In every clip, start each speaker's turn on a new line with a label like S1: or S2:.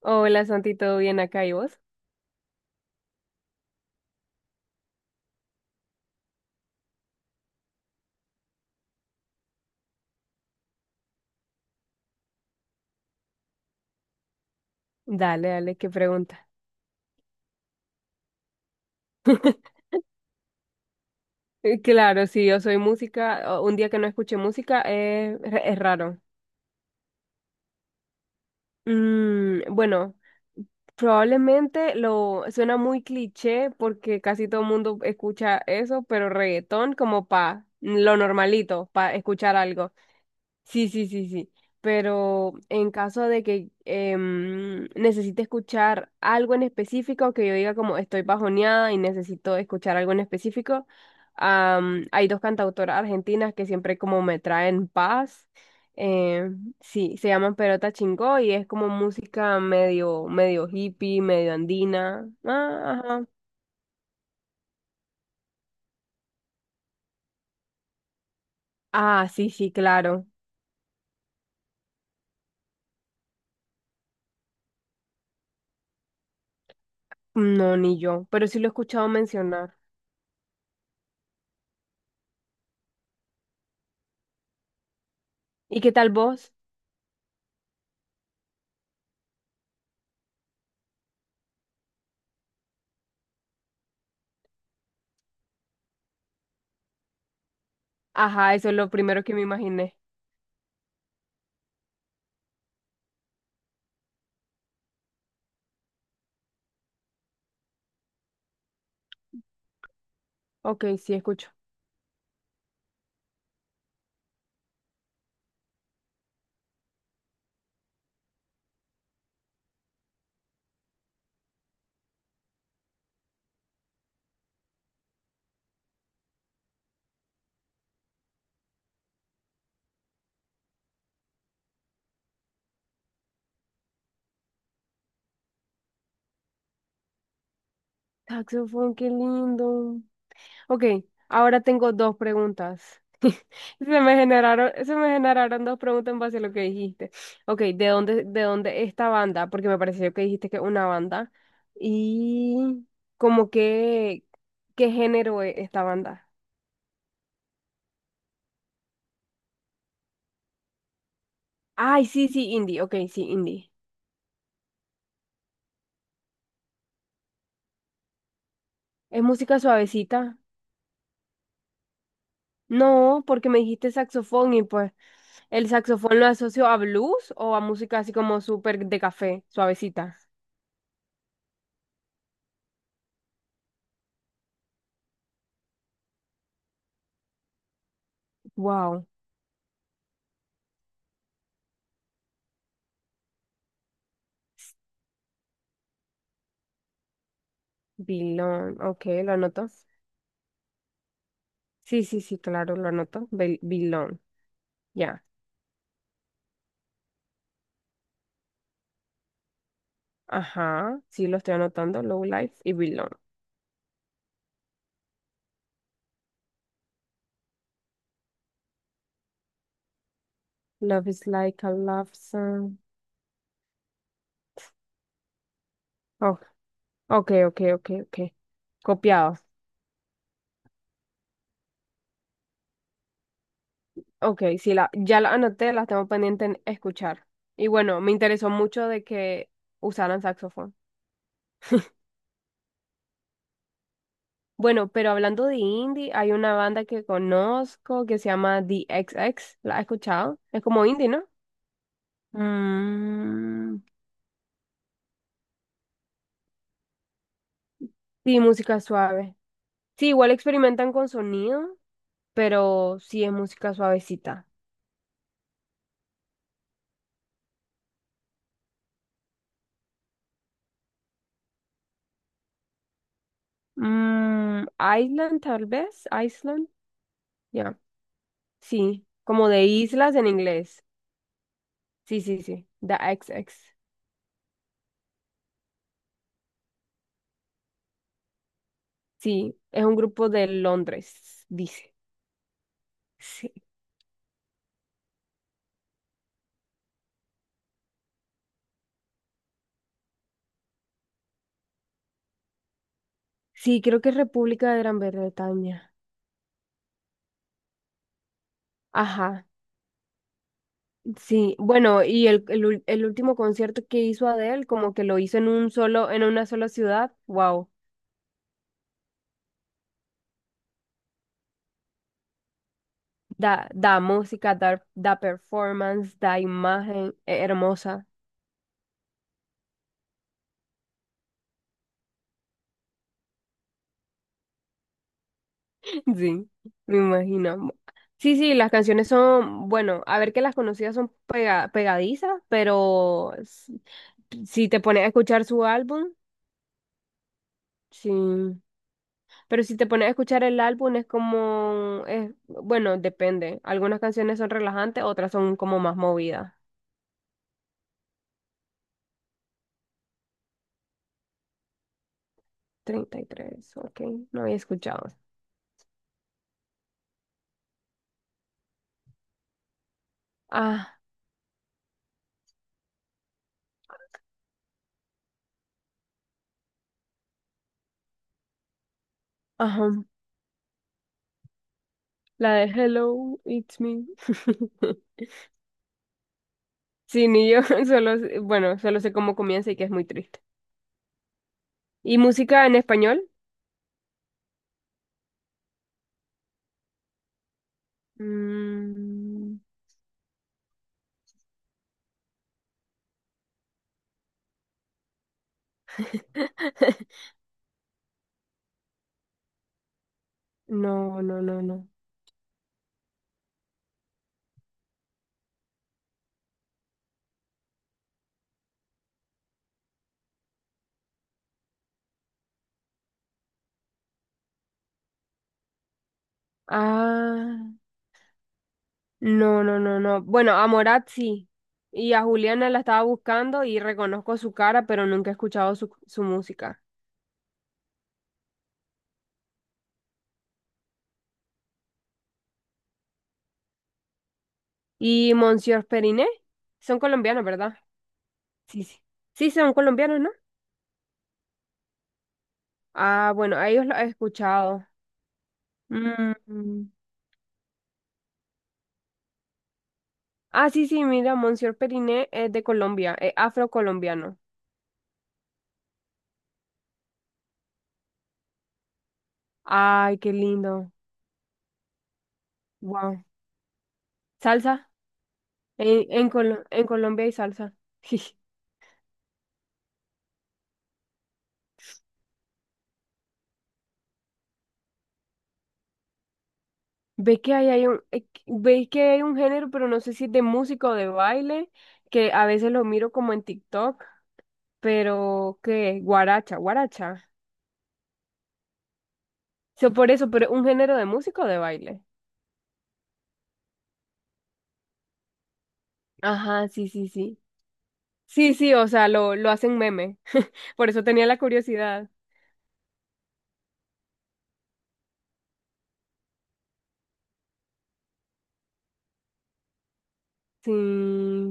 S1: Hola Santi, ¿todo bien acá y vos? Dale, dale, qué pregunta. Claro, si yo soy música, o un día que no escuché música es raro. Bueno, probablemente lo suena muy cliché porque casi todo el mundo escucha eso, pero reggaetón como pa lo normalito, pa escuchar algo. Sí, sí, sí, sí. Pero en caso de que necesite escuchar algo en específico, que yo diga como estoy bajoneada y necesito escuchar algo en específico, hay dos cantautoras argentinas que siempre como me traen paz. Eh, sí, se llaman Perota Chingó y es como música medio hippie, medio andina. Ah, ajá. Ah, sí, sí, claro. No, ni yo, pero sí lo he escuchado mencionar. ¿Y qué tal vos? Ajá, eso es lo primero que me imaginé. Ok, sí, escucho. Saxofón, qué lindo. Ok, ahora tengo dos preguntas. Se me generaron dos preguntas en base a lo que dijiste. Ok, ¿de dónde esta banda? Porque me pareció que dijiste que es una banda. Y como que, ¿qué género es esta banda? Ay, sí, sí, indie. Ok, sí, indie. ¿Es música suavecita? No, porque me dijiste saxofón y pues el saxofón lo asocio a blues o a música así como súper de café, suavecita. Wow. Bilón. Ok, lo anoto. Sí, sí, sí, claro, lo anoto. Bilón. Ya. Ajá. Sí, lo estoy anotando. Low Life y Bilón. Love is like a love song. Oh, ok, ok, ok, ok. Copiado. Ok, sí, ya la anoté, las tengo pendiente en escuchar. Y bueno, me interesó mucho de que usaran saxofón. Bueno, pero hablando de indie, hay una banda que conozco que se llama The XX. ¿La has escuchado? Es como indie, ¿no? Mm, sí, música suave. Sí, igual experimentan con sonido, pero sí es música suavecita. Mm, Island, tal vez. Island. Ya. Sí, como de islas en inglés. Sí, sí, sí. The XX. Sí, es un grupo de Londres, dice. Sí, sí, creo que es República de Gran Bretaña. Ajá. Sí, bueno, y el último concierto que hizo Adele, como que lo hizo en un solo, en una sola ciudad, wow, da, da música, da, da performance, da imagen, hermosa. Sí, me imagino. Sí, sí, las canciones son, bueno, a ver que las conocidas son pegadizas, pero si te pones a escuchar su álbum, sí. Pero si te pones a escuchar el álbum es como, es, bueno, depende. Algunas canciones son relajantes, otras son como más movidas. 33, ok, no había escuchado. Ah, ajá, la de Hello, it's me. Sí, ni yo, solo, bueno, solo sé cómo comienza y que es muy triste. ¿Y música en español? Mm, no, no, no, no. Ah. No, no, no, no. Bueno, a Morat sí. Y a Juliana la estaba buscando y reconozco su cara, pero nunca he escuchado su música. ¿Y Monsieur Periné? Son colombianos, ¿verdad? Sí, sí. Sí, son colombianos, ¿no? Ah, bueno, a ellos los he escuchado. Mm. Ah, sí, sí, mira, Monsieur Periné es de Colombia, es afrocolombiano. Ay, qué lindo. Wow. Salsa. En Colombia hay salsa. Ve que ahí hay un, veis que hay un género, pero no sé si es de música o de baile, que a veces lo miro como en TikTok, pero que guaracha, guaracha. So, por eso, pero un género de música o de baile. Ajá, sí, sí, sí. Sí, sí, o sea, lo hacen meme. Por eso tenía la curiosidad. Sí.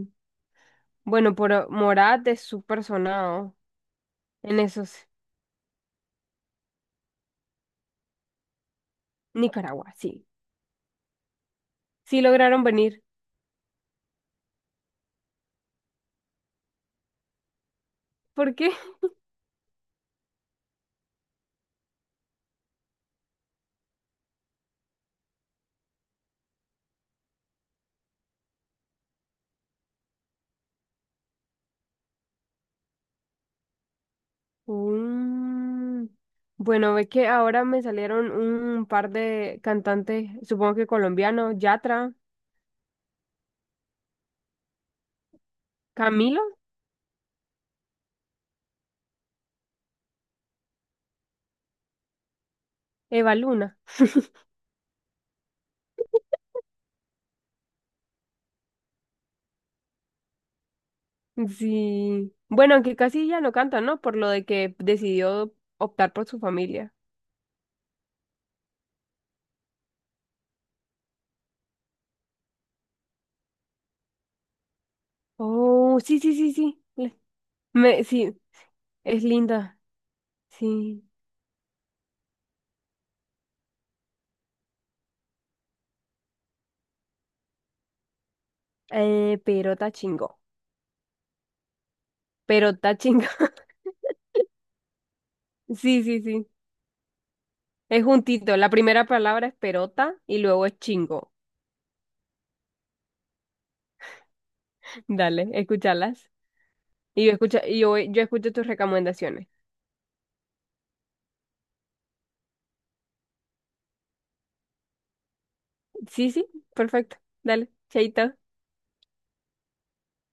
S1: Bueno, pero Morat es súper sonado en esos. Nicaragua, sí. Sí lograron venir. ¿Por qué? Mm. Bueno, ve que ahora me salieron un par de cantantes, supongo que colombianos, Yatra, Camilo, Eva Luna. Sí. Bueno, aunque casi ya no canta, ¿no? Por lo de que decidió optar por su familia. Oh, sí, sí, sí, sí. Me, sí, es linda. Sí. Perota chingó. Perota chingó. Sí, sí, sí. Es juntito. La primera palabra es perota y luego es chingo. Dale, escúchalas. Y yo escucho, yo escucho tus recomendaciones. Sí, sí, perfecto. Dale, chaito.